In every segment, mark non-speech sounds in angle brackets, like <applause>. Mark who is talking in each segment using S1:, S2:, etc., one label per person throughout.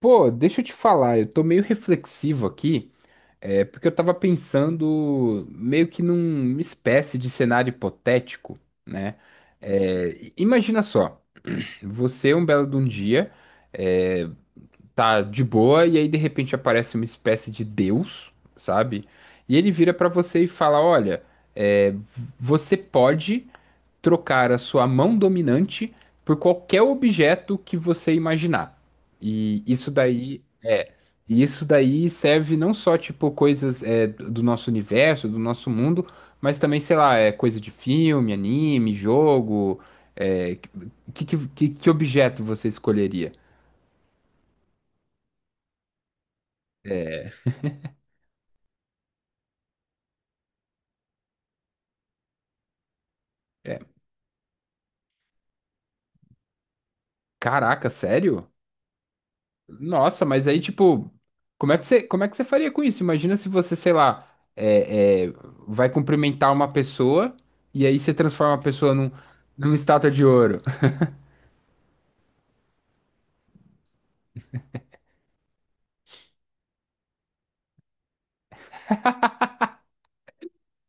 S1: Pô, deixa eu te falar, eu tô meio reflexivo aqui, é porque eu tava pensando meio que numa espécie de cenário hipotético. Imagina só, você um belo de um dia é, tá de boa e aí de repente aparece uma espécie de Deus, sabe? E ele vira pra você e fala, olha, é, v- você pode trocar a sua mão dominante por qualquer objeto que você imaginar. E isso daí é, e isso daí serve não só tipo coisas do nosso universo, do nosso mundo, mas também, sei lá, é coisa de filme, anime, jogo, é, que objeto você escolheria? É, caraca, sério? Nossa, mas aí, tipo, como é que você faria com isso? Imagina se você, sei lá, é, é, vai cumprimentar uma pessoa e aí você transforma a pessoa numa estátua de ouro. <laughs>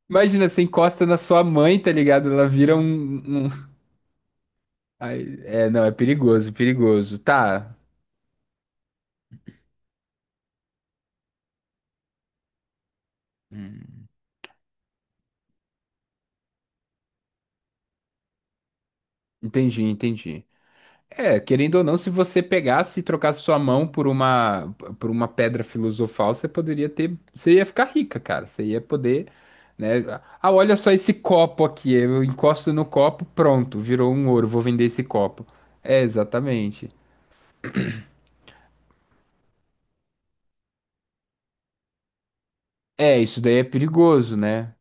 S1: Imagina, você encosta na sua mãe, tá ligado? Ela vira um. Ai, é, não, é perigoso, perigoso. Tá, entendi, entendi. É, querendo ou não, se você pegasse e trocasse sua mão por uma pedra filosofal, você poderia ter, você ia ficar rica, cara. Você ia poder, né? Ah, olha só esse copo aqui. Eu encosto no copo, pronto, virou um ouro. Vou vender esse copo. É, exatamente. É, isso daí é perigoso, né?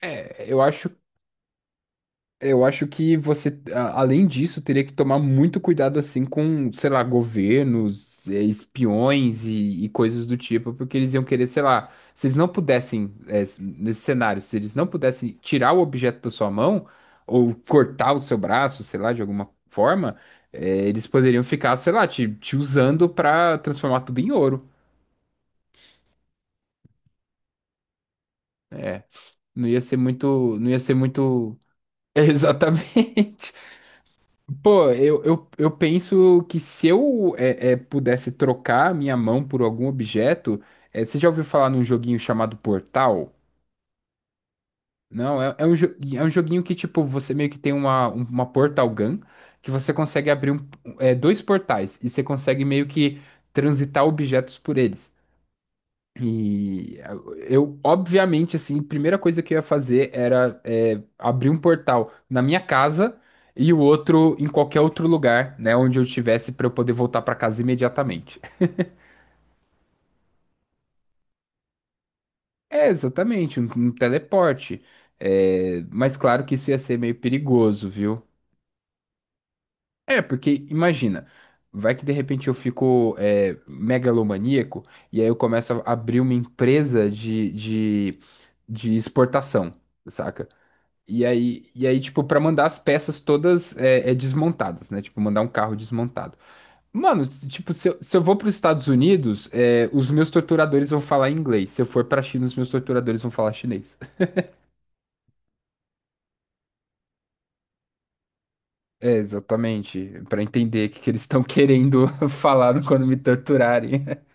S1: É, eu acho Eu acho que além disso, teria que tomar muito cuidado assim com, sei lá, governos, espiões e coisas do tipo, porque eles iam querer, sei lá, se eles não pudessem, nesse cenário, se eles não pudessem tirar o objeto da sua mão ou cortar o seu braço, sei lá, de alguma forma, eles poderiam ficar, sei lá, te usando pra transformar tudo em ouro. É, não ia ser muito, <laughs> exatamente. Pô, eu penso que se eu pudesse trocar a minha mão por algum objeto, é, você já ouviu falar num joguinho chamado Portal? Não, é um, é um joguinho que, tipo, você meio que tem uma, uma Portal Gun, que você consegue abrir dois portais, e você consegue meio que transitar objetos por eles. E eu, obviamente, assim, a primeira coisa que eu ia fazer era abrir um portal na minha casa e o outro em qualquer outro lugar, né, onde eu estivesse para eu poder voltar para casa imediatamente. <laughs> É, exatamente, um teleporte. É, mas claro que isso ia ser meio perigoso, viu? É, porque imagina, vai que de repente eu fico megalomaníaco e aí eu começo a abrir uma empresa de exportação, saca? E aí, tipo, pra mandar as peças todas desmontadas, né? Tipo, mandar um carro desmontado. Mano, tipo, se eu vou pros Estados Unidos, é, os meus torturadores vão falar inglês. Se eu for pra China, os meus torturadores vão falar chinês. <laughs> É, exatamente. Pra entender que eles estão querendo <laughs> falar quando me torturarem. <laughs>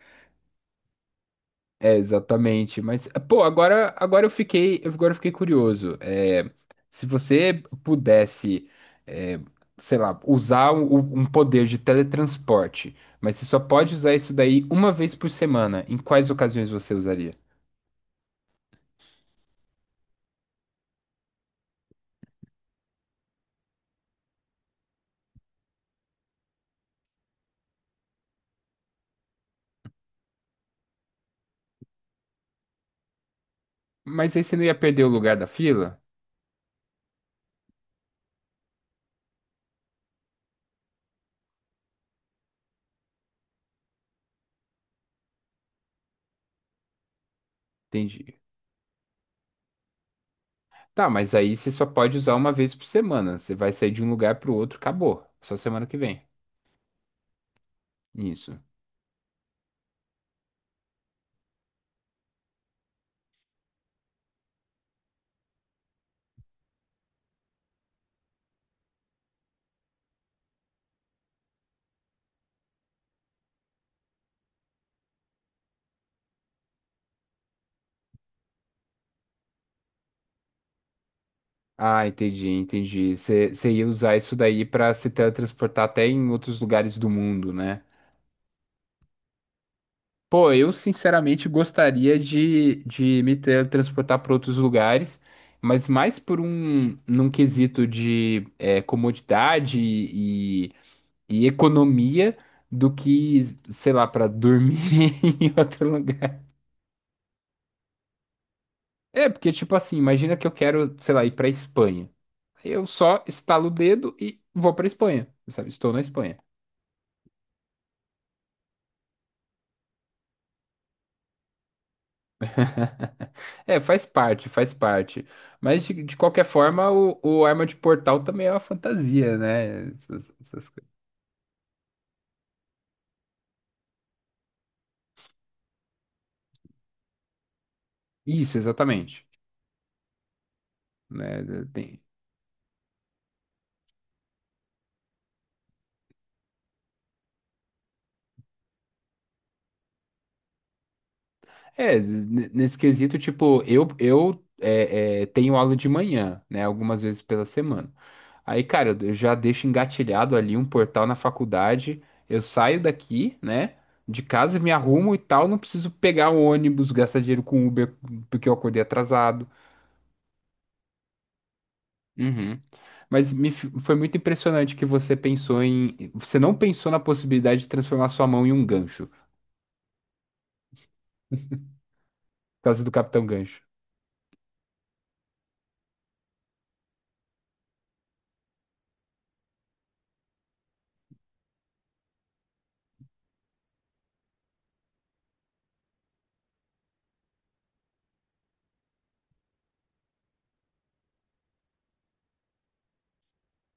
S1: É, exatamente. Mas, pô, agora eu fiquei curioso. É, se você pudesse, é, sei lá, usar um, um poder de teletransporte, mas você só pode usar isso daí uma vez por semana, em quais ocasiões você usaria? Mas aí você não ia perder o lugar da fila? Entendi. Tá, mas aí você só pode usar uma vez por semana. Você vai sair de um lugar pro outro, acabou. Só semana que vem. Isso. Ah, entendi, entendi. Você ia usar isso daí pra se teletransportar até em outros lugares do mundo, né? Pô, eu sinceramente gostaria de me teletransportar para outros lugares, mas mais por um num quesito de comodidade e economia do que, sei lá, para dormir <laughs> em outro lugar. É, porque tipo assim, imagina que eu quero, sei lá, ir para Espanha. Eu só estalo o dedo e vou para Espanha, sabe? Estou na Espanha. É, faz parte, faz parte. Mas de qualquer forma, o arma de portal também é uma fantasia, né? Essas coisas. Isso, exatamente. Né? Tem... É, nesse quesito, tipo, eu tenho aula de manhã, né? Algumas vezes pela semana. Aí, cara, eu já deixo engatilhado ali um portal na faculdade. Eu saio daqui, né? De casa, me arrumo e tal. Não preciso pegar o ônibus, gastar dinheiro com Uber porque eu acordei atrasado. Uhum. Mas foi muito impressionante que você pensou em. Você não pensou na possibilidade de transformar sua mão em um gancho, por causa do Capitão Gancho.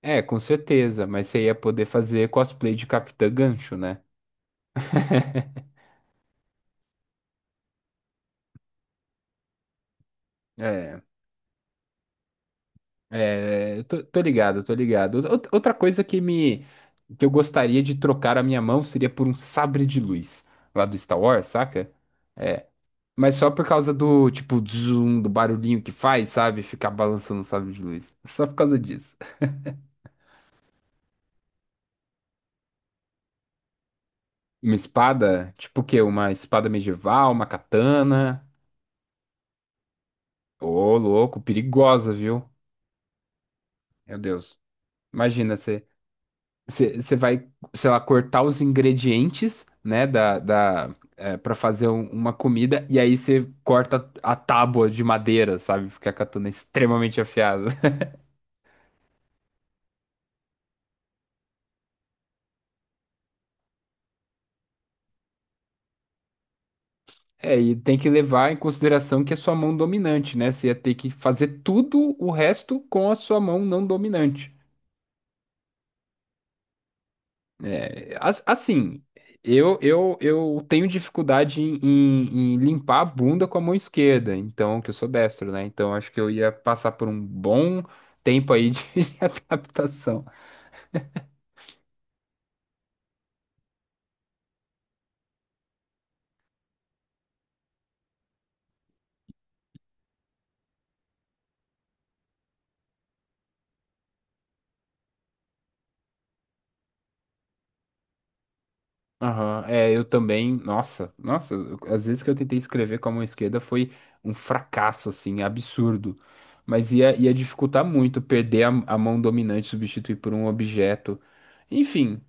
S1: É, com certeza, mas você ia poder fazer cosplay de Capitã Gancho, né? <laughs> É, eu tô, tô ligado, tô ligado. Outra coisa que eu gostaria de trocar a minha mão seria por um sabre de luz lá do Star Wars, saca? É, mas só por causa do, tipo, zoom, do barulhinho que faz, sabe? Ficar balançando o sabre de luz. Só por causa disso. Uma espada? Tipo o quê? Uma espada medieval, uma katana? Ô, louco, perigosa, viu? Meu Deus. Imagina, você vai, sei lá, cortar os ingredientes, né, pra fazer uma comida, e aí você corta a tábua de madeira, sabe? Porque a katana é extremamente afiada. É, e tem que levar em consideração que é sua mão dominante, né? Você ia ter que fazer tudo o resto com a sua mão não dominante. Assim, eu tenho dificuldade em, em limpar a bunda com a mão esquerda, então, que eu sou destro, né? Então, acho que eu ia passar por um bom tempo aí de <laughs> adaptação. Aham, é, eu também. Nossa, nossa, às vezes que eu tentei escrever com a mão esquerda foi um fracasso, assim, absurdo. Mas ia, ia dificultar muito perder a mão dominante, substituir por um objeto. Enfim,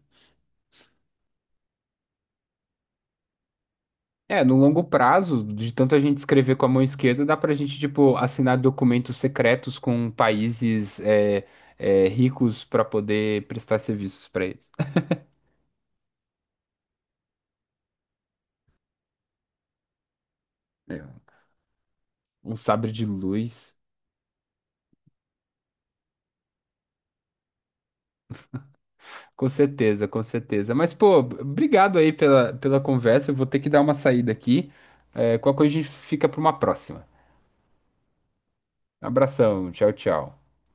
S1: é, no longo prazo, de tanto a gente escrever com a mão esquerda, dá pra gente, tipo, assinar documentos secretos com países ricos pra poder prestar serviços pra eles. É, um sabre de luz. Com certeza, com certeza. Mas, pô, obrigado aí pela, pela conversa. Eu vou ter que dar uma saída aqui. É, qualquer coisa a gente fica para uma próxima. Abração, tchau, tchau.